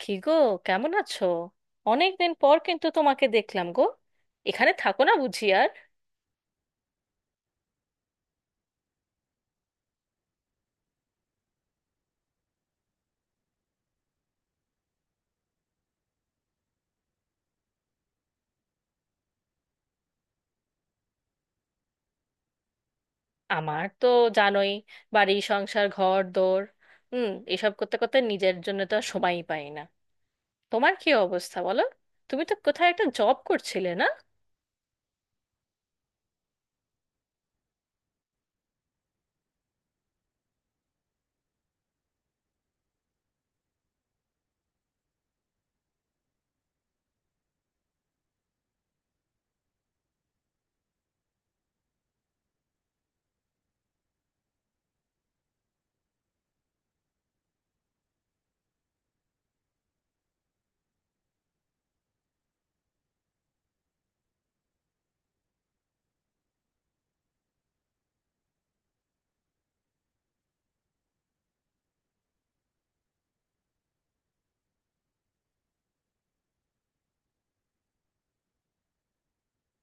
কি গো? কেমন আছো? অনেকদিন পর কিন্তু তোমাকে দেখলাম গো। এখানে থাকো না বুঝি আর? আমার তো জানোই, বাড়ি সংসার ঘর দোর, হুম, এসব করতে করতে নিজের জন্য তো আর সময়ই পাই না। তোমার কি অবস্থা বলো? তুমি তো কোথায় একটা জব করছিলে না?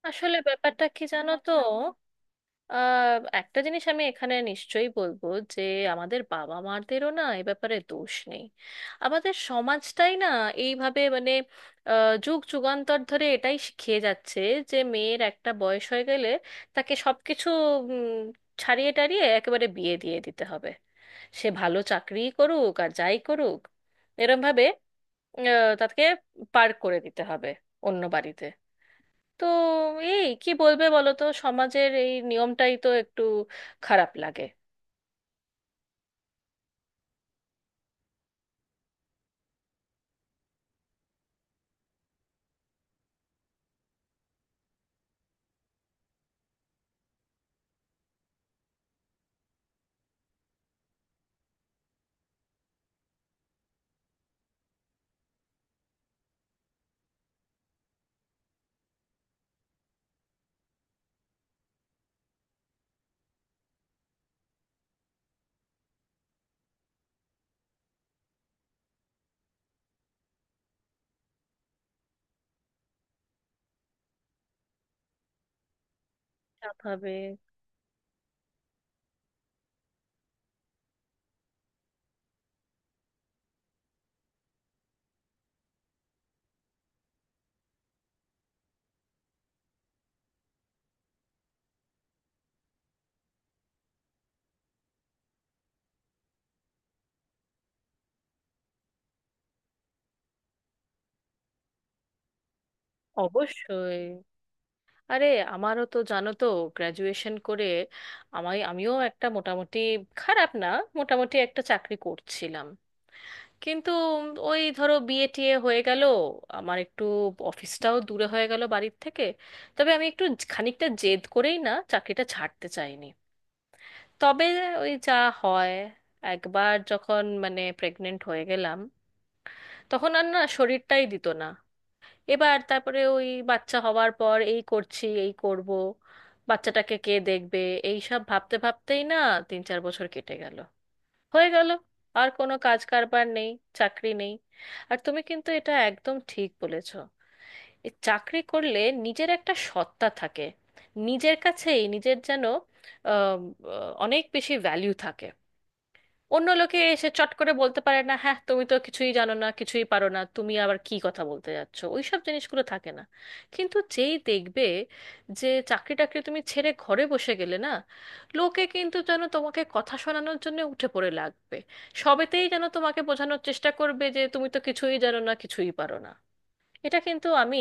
আসলে ব্যাপারটা কি জানো তো, একটা জিনিস আমি এখানে নিশ্চয়ই বলবো, যে আমাদের বাবা মাদেরও না এ ব্যাপারে দোষ নেই। আমাদের সমাজটাই না এইভাবে মানে যুগ যুগান্তর ধরে এটাই শিখিয়ে যাচ্ছে যে মেয়ের একটা বয়স হয়ে গেলে তাকে সবকিছু উম, ছাড়িয়ে টাড়িয়ে একেবারে বিয়ে দিয়ে দিতে হবে। সে ভালো চাকরিই করুক আর যাই করুক, এরম ভাবে তাকে পার করে দিতে হবে অন্য বাড়িতে। তো এই কি বলবে বলো তো, সমাজের এই নিয়মটাই তো একটু খারাপ লাগে। ভাবে, অবশ্যই। আরে আমারও তো জানো তো গ্র্যাজুয়েশন করে আমিও একটা মোটামুটি, খারাপ না, মোটামুটি একটা চাকরি করছিলাম। কিন্তু ওই ধরো বিয়ে টিয়ে হয়ে গেল, আমার একটু অফিসটাও দূরে হয়ে গেল বাড়ির থেকে। তবে আমি একটু খানিকটা জেদ করেই না চাকরিটা ছাড়তে চাইনি। তবে ওই যা হয়, একবার যখন মানে প্রেগনেন্ট হয়ে গেলাম তখন আর না শরীরটাই দিত না। এবার তারপরে ওই বাচ্চা হওয়ার পর এই করছি এই করব, বাচ্চাটাকে কে দেখবে, এই সব ভাবতে ভাবতেই না 3 4 বছর কেটে গেল। হয়ে গেল, আর কোনো কাজ কারবার নেই, চাকরি নেই। আর তুমি কিন্তু এটা একদম ঠিক বলেছ। এই চাকরি করলে নিজের একটা সত্তা থাকে, নিজের কাছেই নিজের যেন আহ, আহ, অনেক বেশি ভ্যালু থাকে। অন্য লোকে এসে চট করে বলতে পারে না, হ্যাঁ তুমি তো কিছুই জানো না কিছুই পারো না তুমি আবার কি কথা বলতে যাচ্ছ, ওইসব জিনিসগুলো থাকে না। কিন্তু যেই দেখবে যে চাকরি টাকরি তুমি ছেড়ে ঘরে বসে গেলে না, লোকে কিন্তু যেন তোমাকে কথা শোনানোর জন্য উঠে পড়ে লাগবে। সবেতেই যেন তোমাকে বোঝানোর চেষ্টা করবে যে তুমি তো কিছুই জানো না কিছুই পারো না। এটা কিন্তু আমি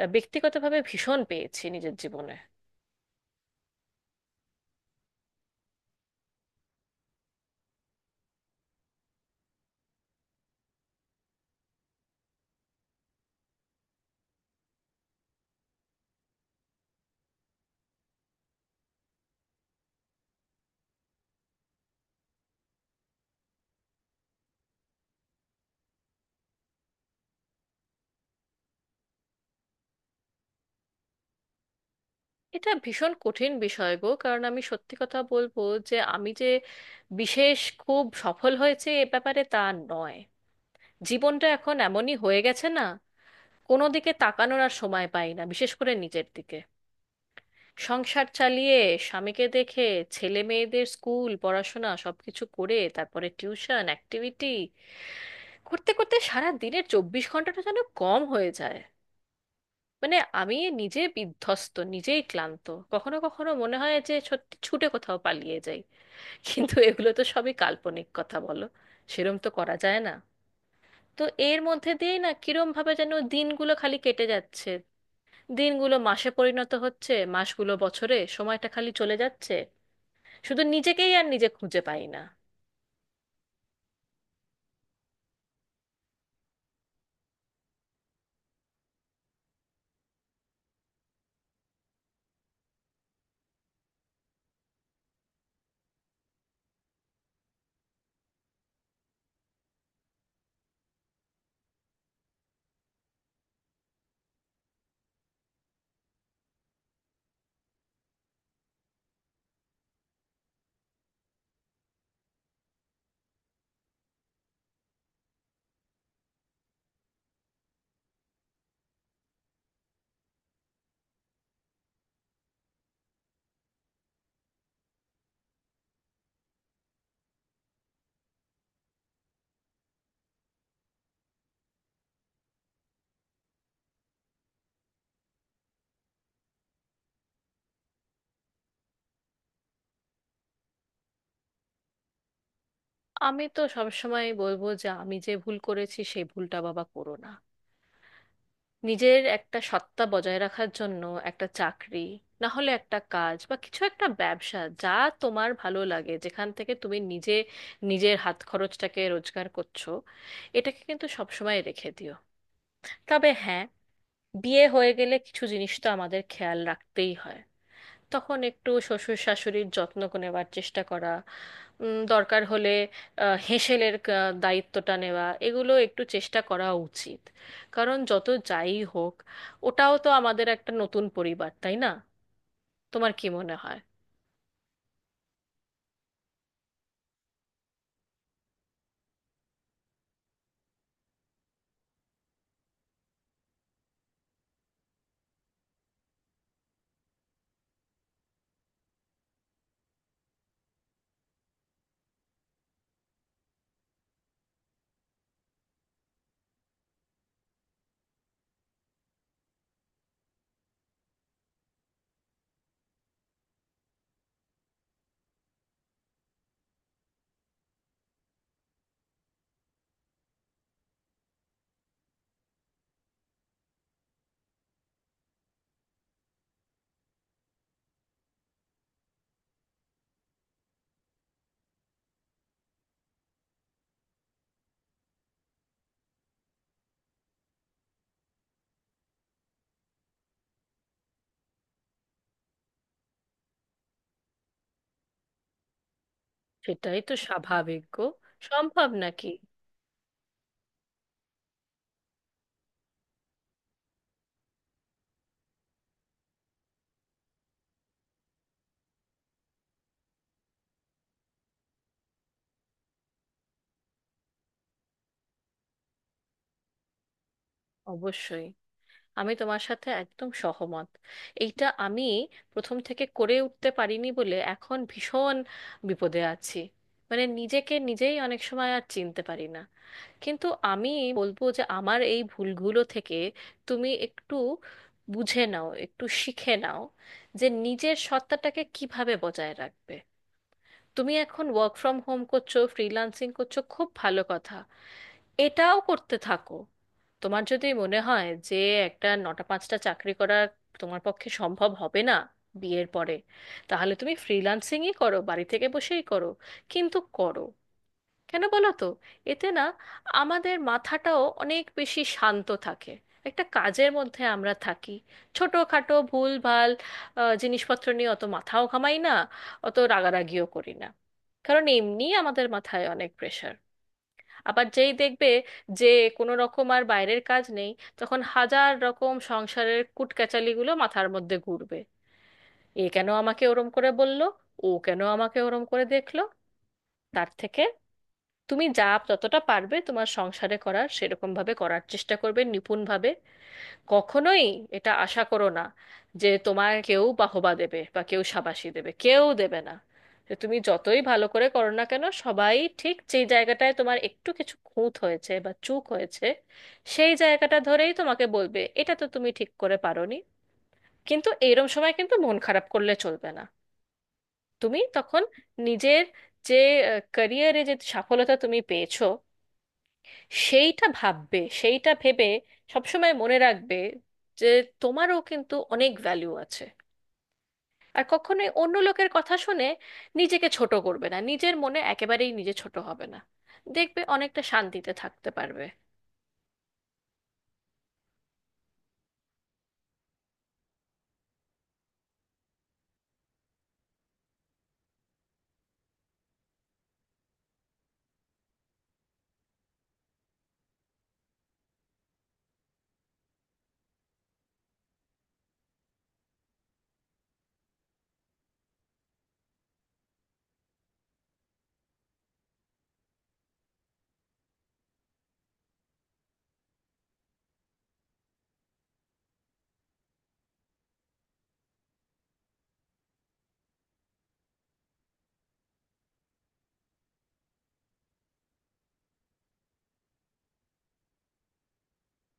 ব্যক্তিগতভাবে ভীষণ পেয়েছি নিজের জীবনে। এটা ভীষণ কঠিন বিষয় গো, কারণ আমি সত্যি কথা বলবো যে আমি যে বিশেষ খুব সফল হয়েছে এ ব্যাপারে তা নয়। জীবনটা এখন এমনই হয়ে গেছে না, কোনো দিকে তাকানোর আর সময় পাই না, বিশেষ করে নিজের দিকে। সংসার চালিয়ে, স্বামীকে দেখে, ছেলে মেয়েদের স্কুল পড়াশোনা সবকিছু করে, তারপরে টিউশন অ্যাক্টিভিটি করতে করতে সারা দিনের 24 ঘন্টাটা যেন কম হয়ে যায়। মানে আমি নিজে বিধ্বস্ত, নিজেই ক্লান্ত। কখনো কখনো মনে হয় যে সত্যি ছুটে কোথাও পালিয়ে যাই, কিন্তু এগুলো তো সবই কাল্পনিক কথা, বলো? সেরম তো করা যায় না। তো এর মধ্যে দিয়েই না কিরম ভাবে যেন দিনগুলো খালি কেটে যাচ্ছে। দিনগুলো মাসে পরিণত হচ্ছে, মাসগুলো বছরে, সময়টা খালি চলে যাচ্ছে। শুধু নিজেকেই আর নিজে খুঁজে পাই না। আমি তো সবসময় বলবো যে আমি যে ভুল করেছি সেই ভুলটা বাবা করো না। নিজের একটা সত্তা বজায় রাখার জন্য একটা চাকরি, না হলে একটা কাজ, বা কিছু একটা ব্যবসা যা তোমার ভালো লাগে, যেখান থেকে তুমি নিজে নিজের হাত খরচটাকে রোজগার করছো, এটাকে কিন্তু সবসময় রেখে দিও। তবে হ্যাঁ, বিয়ে হয়ে গেলে কিছু জিনিস তো আমাদের খেয়াল রাখতেই হয়। তখন একটু শ্বশুর শাশুড়ির যত্ন নেওয়ার চেষ্টা করা, দরকার হলে হেঁসেলের কা- দায়িত্বটা নেওয়া, এগুলো একটু চেষ্টা করা উচিত। কারণ যত যাই হোক, ওটাও তো আমাদের একটা নতুন পরিবার, তাই না? তোমার কি মনে হয়? সেটাই তো স্বাভাবিক গো। সম্ভব নাকি? অবশ্যই, আমি তোমার সাথে একদম সহমত। এইটা আমি প্রথম থেকে করে উঠতে পারিনি বলে এখন ভীষণ বিপদে আছি। মানে নিজেকে নিজেই অনেক সময় আর চিনতে পারি না। কিন্তু আমি বলবো যে আমার এই ভুলগুলো থেকে তুমি একটু বুঝে নাও, একটু শিখে নাও যে নিজের সত্তাটাকে কিভাবে বজায় রাখবে। তুমি এখন ওয়ার্ক ফ্রম হোম করছো, ফ্রিল্যান্সিং করছো, খুব ভালো কথা, এটাও করতে থাকো। তোমার যদি মনে হয় যে একটা 9টা 5টা চাকরি করা তোমার পক্ষে সম্ভব হবে না বিয়ের পরে, তাহলে তুমি ফ্রিল্যান্সিংই করো, বাড়ি থেকে বসেই করো, কিন্তু করো। কেন বলো তো? এতে না আমাদের মাথাটাও অনেক বেশি শান্ত থাকে, একটা কাজের মধ্যে আমরা থাকি। ছোটোখাটো ভুল ভাল জিনিসপত্র নিয়ে অত মাথাও ঘামাই না, অত রাগারাগিও করি না। কারণ এমনি আমাদের মাথায় অনেক প্রেশার। আবার যেই দেখবে যে কোনো রকম আর বাইরের কাজ নেই, তখন হাজার রকম সংসারের কুটকেচালিগুলো মাথার মধ্যে ঘুরবে। এ কেন আমাকে ওরম করে বলল, ও কেন আমাকে ওরম করে দেখলো। তার থেকে তুমি যা, যতটা পারবে তোমার সংসারে করার, সেরকম ভাবে করার চেষ্টা করবে, নিপুণভাবে। কখনোই এটা আশা করো না যে তোমার কেউ বাহবা দেবে বা কেউ শাবাশি দেবে, কেউ দেবে না। যে তুমি যতই ভালো করে করো না কেন, সবাই ঠিক যেই জায়গাটায় তোমার একটু কিছু খুঁত হয়েছে বা চুক হয়েছে, সেই জায়গাটা ধরেই তোমাকে বলবে এটা তো তুমি ঠিক করে পারোনি। কিন্তু এইরম সময় কিন্তু মন খারাপ করলে চলবে না। তুমি তখন নিজের যে ক্যারিয়ারে যে সফলতা তুমি পেয়েছো সেইটা ভাববে। সেইটা ভেবে সবসময় মনে রাখবে যে তোমারও কিন্তু অনেক ভ্যালু আছে। আর কখনোই অন্য লোকের কথা শুনে নিজেকে ছোট করবে না, নিজের মনে একেবারেই নিজে ছোট হবে না। দেখবে অনেকটা শান্তিতে থাকতে পারবে।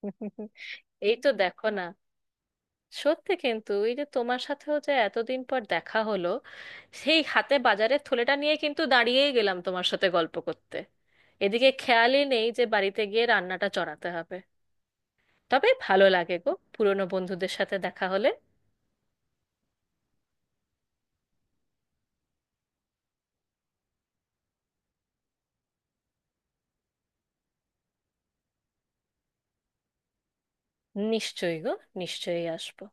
এই তো দেখো না, সত্যি কিন্তু এই যে তোমার সাথেও যে এতদিন পর দেখা হলো, সেই হাতে বাজারের থলেটা নিয়ে কিন্তু দাঁড়িয়েই গেলাম তোমার সাথে গল্প করতে। এদিকে খেয়ালই নেই যে বাড়িতে গিয়ে রান্নাটা চড়াতে হবে। তবে ভালো লাগে গো পুরনো বন্ধুদের সাথে দেখা হলে। নিশ্চয়ই গো, নিশ্চয়ই আসবো।